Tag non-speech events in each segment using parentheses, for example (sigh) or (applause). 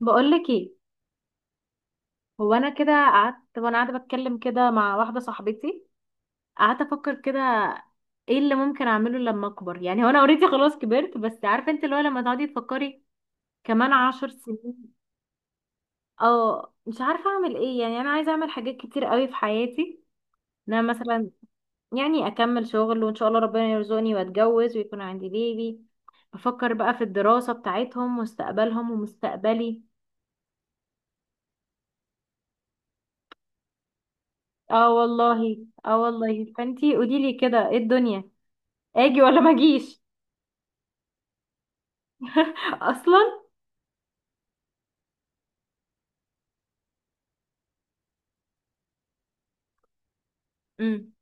بقولك ايه؟ هو انا كده قعدت وانا قاعده بتكلم كده مع واحده صاحبتي. قعدت افكر كده ايه اللي ممكن اعمله لما اكبر، يعني هو انا اوريدي خلاص كبرت، بس عارفه انت اللي هو لما تقعدي تفكري كمان عشر سنين. اه، مش عارفه اعمل ايه، يعني انا عايزه اعمل حاجات كتير قوي في حياتي. ان انا مثلا يعني اكمل شغل وان شاء الله ربنا يرزقني واتجوز ويكون عندي بيبي. بفكر بقى في الدراسه بتاعتهم، مستقبلهم ومستقبلي. اه والله. اه والله، فانتي قوليلي كده ايه الدنيا، اجي ولا ما اجيش؟ (laughs) اصلا. امم.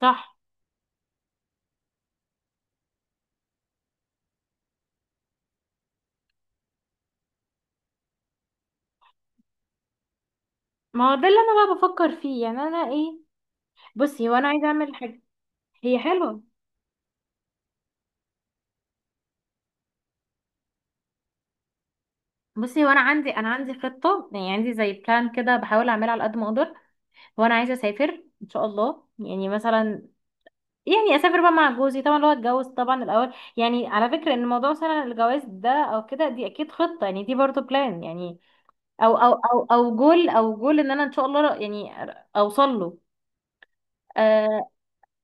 صح. ما هو ده اللي انا بقى بفكر فيه. يعني انا ايه؟ بصي هو انا عايزه اعمل حاجه. هي حلوه. بصي هو انا عندي، خطه، يعني عندي زي بلان كده بحاول اعملها على قد ما اقدر. هو انا عايزه اسافر ان شاء الله، يعني مثلا، يعني اسافر بقى مع جوزي، طبعا اللي هو اتجوز طبعا الاول. يعني على فكره ان موضوع مثلا الجواز ده او كده دي اكيد خطه، يعني دي برضه بلان يعني، او جول ان انا ان شاء الله يعني اوصل له. آه،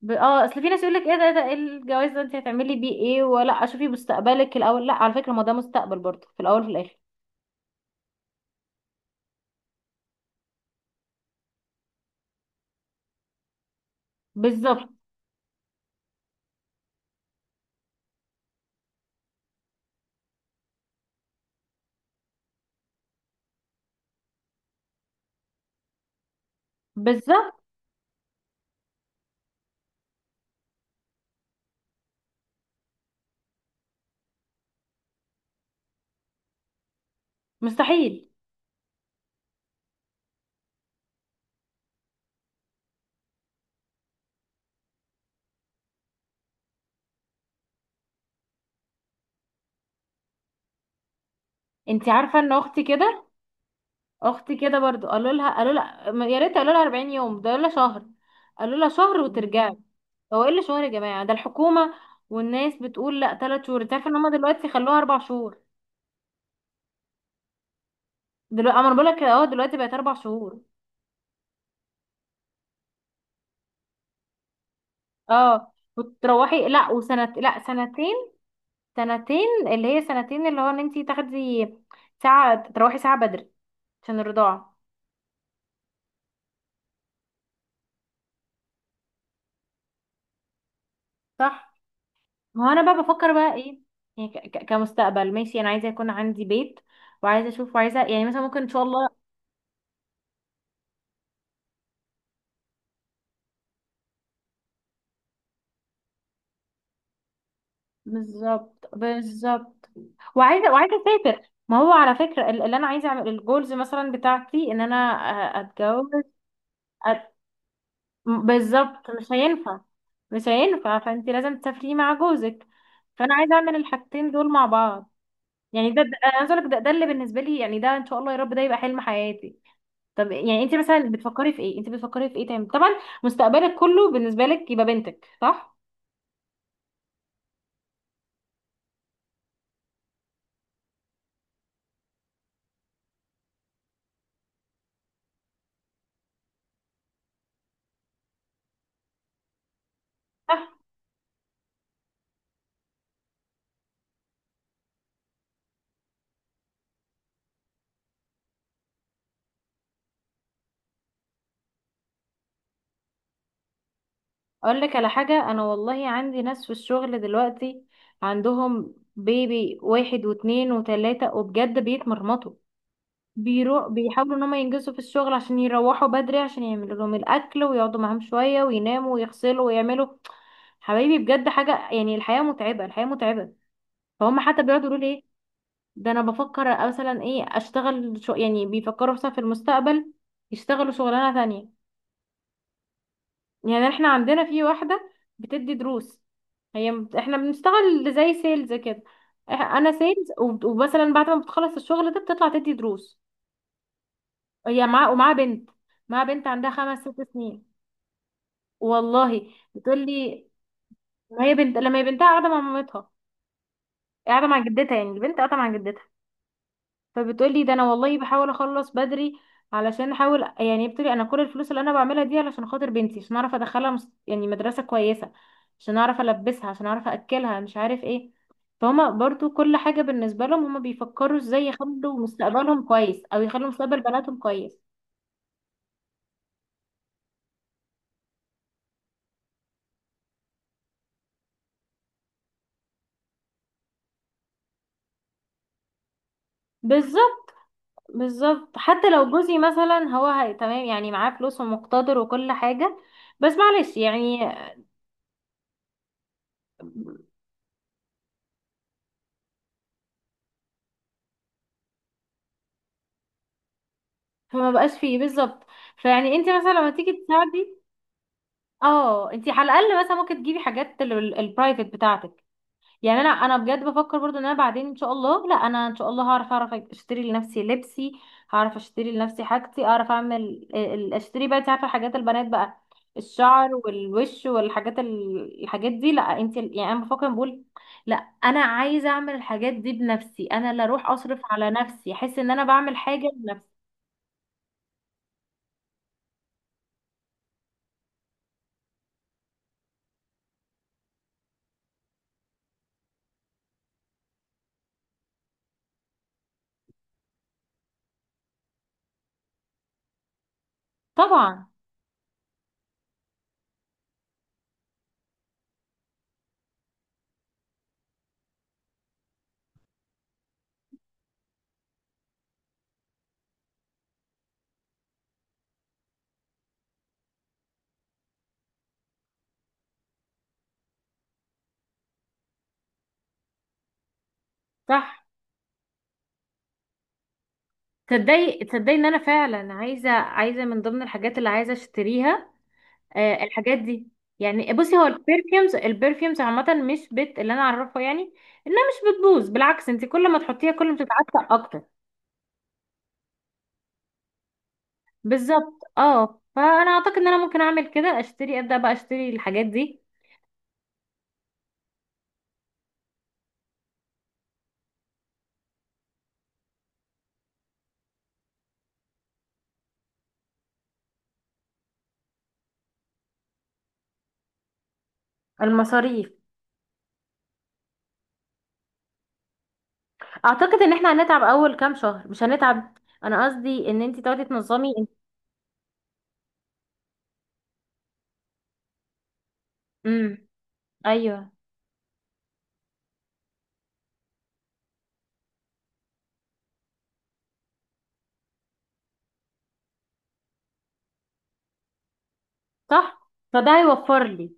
ب... اه اصل في ناس يقول لك ايه ده، ايه الجواز ده، انت هتعملي بيه ايه؟ ولا شوفي مستقبلك الاول. لا، على فكره ما ده مستقبل برضه في الاول وفي الاخر. بالظبط بالظبط. مستحيل. انت عارفه ان اختي كده، اختي كده برضه قالوا لها يا ريت، قالوا لها 40 يوم. ده قالوا لها شهر، قالوا لها شهر وترجعي. هو ايه اللي شهر يا جماعه؟ ده الحكومه. والناس بتقول لا، ثلاث شهور. انت عارفه ان هم دلوقتي خلوها اربع شهور؟ دلوقتي اما انا بقول لك دلوقتي بقت اربع شهور. اه، وتروحي لا وسنة لا سنتين. سنتين، اللي هي سنتين، اللي هو ان انتي تاخدي ساعة تروحي ساعة بدري عشان الرضاعة. صح. ما هو انا بقى بفكر بقى ايه؟ يعني كمستقبل ماشي، انا عايزة يكون عندي بيت وعايزة اشوف، وعايزة يعني مثلا ممكن ان شاء الله. بالظبط بالظبط. وعايزة اسافر، ما هو على فكرة اللي انا عايزة اعمل الجولز مثلا بتاعتي ان انا اتجوز. أت... بالظبط، مش هينفع. مش هينفع، فانت لازم تسافري مع جوزك. فانا عايزة اعمل الحاجتين دول مع بعض. يعني انا عايزه اقول لك، ده اللي بالنسبه لي، يعني ده ان شاء الله يا رب ده يبقى حلم حياتي. طب يعني انت مثلا بتفكري في ايه، انت بتفكري في ايه تاني طبعا؟ مستقبلك كله بالنسبه لك يبقى بنتك، صح. صح. اقول لك على حاجه، انا والله عندي ناس في الشغل دلوقتي عندهم بيبي واحد واتنين وتلاته، وبجد بيتمرمطوا. بيروح بيحاولوا ان هم ينجزوا في الشغل عشان يروحوا بدري، عشان يعملوا لهم الاكل ويقعدوا معاهم شويه ويناموا ويغسلوا ويعملوا. حبايبي بجد حاجه، يعني الحياه متعبه الحياه متعبه. فهم حتى بيقعدوا يقولوا لي ايه. ده انا بفكر مثلا ايه اشتغل شو، يعني بيفكروا مثلا في المستقبل يشتغلوا شغلانه تانية. يعني احنا عندنا في واحده بتدي دروس. احنا بنشتغل زي سيلز كده. انا سيلز ومثلا بعد ما بتخلص الشغل ده بتطلع تدي دروس. هي معاها ومعاها بنت. معاها بنت عندها خمس ست سنين. والله بتقول لي. ما هي بنت، لما هي بنتها قاعده مع مامتها، قاعده مع جدتها، يعني البنت قاعده مع جدتها. فبتقولي ده انا والله بحاول اخلص بدري علشان احاول، يعني بتقولي انا كل الفلوس اللي انا بعملها دي علشان خاطر بنتي، عشان اعرف ادخلها يعني مدرسة كويسة، عشان اعرف البسها، عشان اعرف اكلها، مش عارف ايه. فهما برضو كل حاجة بالنسبة لهم، هما بيفكروا ازاي يخلوا مستقبلهم كويس او يخلوا مستقبل بناتهم كويس. بالظبط بالظبط، حتى لو جوزي مثلا هو تمام، يعني معاه فلوس ومقتدر وكل حاجة، بس معلش يعني. فما بقاش فيه بالظبط. فيعني انت مثلا لما تيجي تساعدي. اه، انت على الاقل مثلا ممكن تجيبي حاجات البرايفت بتاعتك. يعني انا بجد بفكر برضو ان انا بعدين ان شاء الله، لا، انا ان شاء الله هعرف اشتري لنفسي لبسي، هعرف اشتري لنفسي حاجتي، اعرف اعمل، اشتري بقى، انت عارفه حاجات البنات بقى، الشعر والوش والحاجات الحاجات دي. لا انت يعني انا بفكر بقول، لا، انا عايزه اعمل الحاجات دي بنفسي، انا اللي اروح اصرف على نفسي، احس ان انا بعمل حاجه بنفسي. طبعا. صح. تصدقي تصدقي ان انا فعلا عايزه، من ضمن الحاجات اللي عايزه اشتريها الحاجات دي. يعني بصي هو البرفيومز عامه مش بت اللي انا اعرفه، يعني انها مش بتبوظ، بالعكس انت كل ما تحطيها كل ما بتتعفن اكتر. بالظبط، فانا اعتقد ان انا ممكن اعمل كده، اشتري ابدا بقى اشتري الحاجات دي. المصاريف. اعتقد ان احنا هنتعب اول كام شهر، مش هنتعب. انا قصدي ان انت تقعدي تنظمي. امم. ايوه. صح، فده هيوفر لي.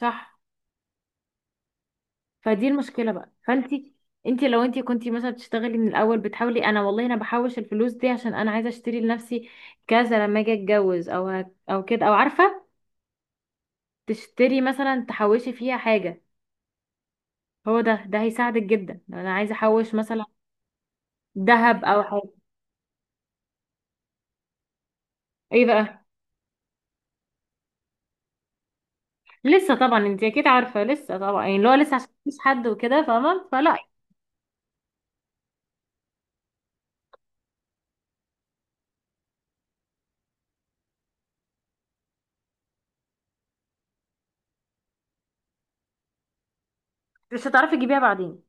صح، فدي المشكله بقى. فانتي، انتي لو انتي كنتي مثلا بتشتغلي من الاول بتحاولي، انا والله انا بحوش الفلوس دي عشان انا عايزه اشتري لنفسي كذا لما اجي اتجوز او او كده، او عارفه تشتري مثلا تحوشي فيها حاجه. هو ده هيساعدك جدا، لو انا عايزه احوش مثلا ذهب او حاجه. ايه بقى؟ لسه طبعا انتي اكيد عارفه، لسه طبعا، يعني اللي هو لسه عشان مفيش حد وكده فاهمه، فلا. مش هتعرفي تجيبيها بعدين.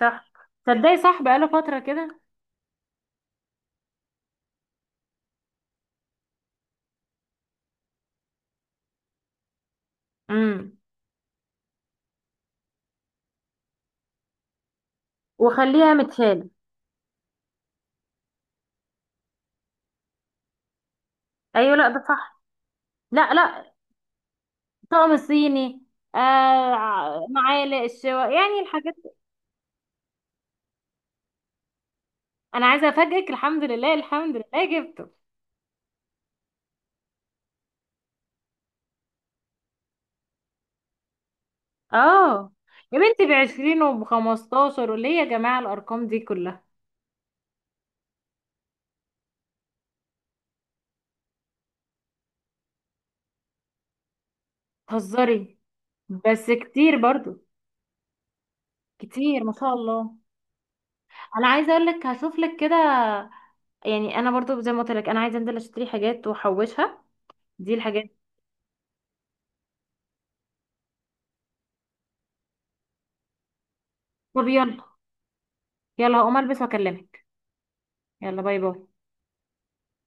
صح. تصدقي صح، بقاله فتره كده. امم. وخليها متشاله. ايوه، لا ده صح. لا لا. طقم الصيني. معالق الشوا يعني الحاجات. انا عايزه افاجئك، الحمد لله الحمد لله جبته. اه يا بنتي، بعشرين وبخمستاشر، وليه يا جماعه الارقام دي كلها؟ تهزري. بس كتير برضو. كتير ما شاء الله. انا عايزه اقول لك هشوف لك كده، يعني انا برضو زي ما قلت لك انا عايزه انزل اشتري حاجات واحوشها. دي الحاجات. طب يلا. يلا هقوم البس واكلمك. يلا باي باي.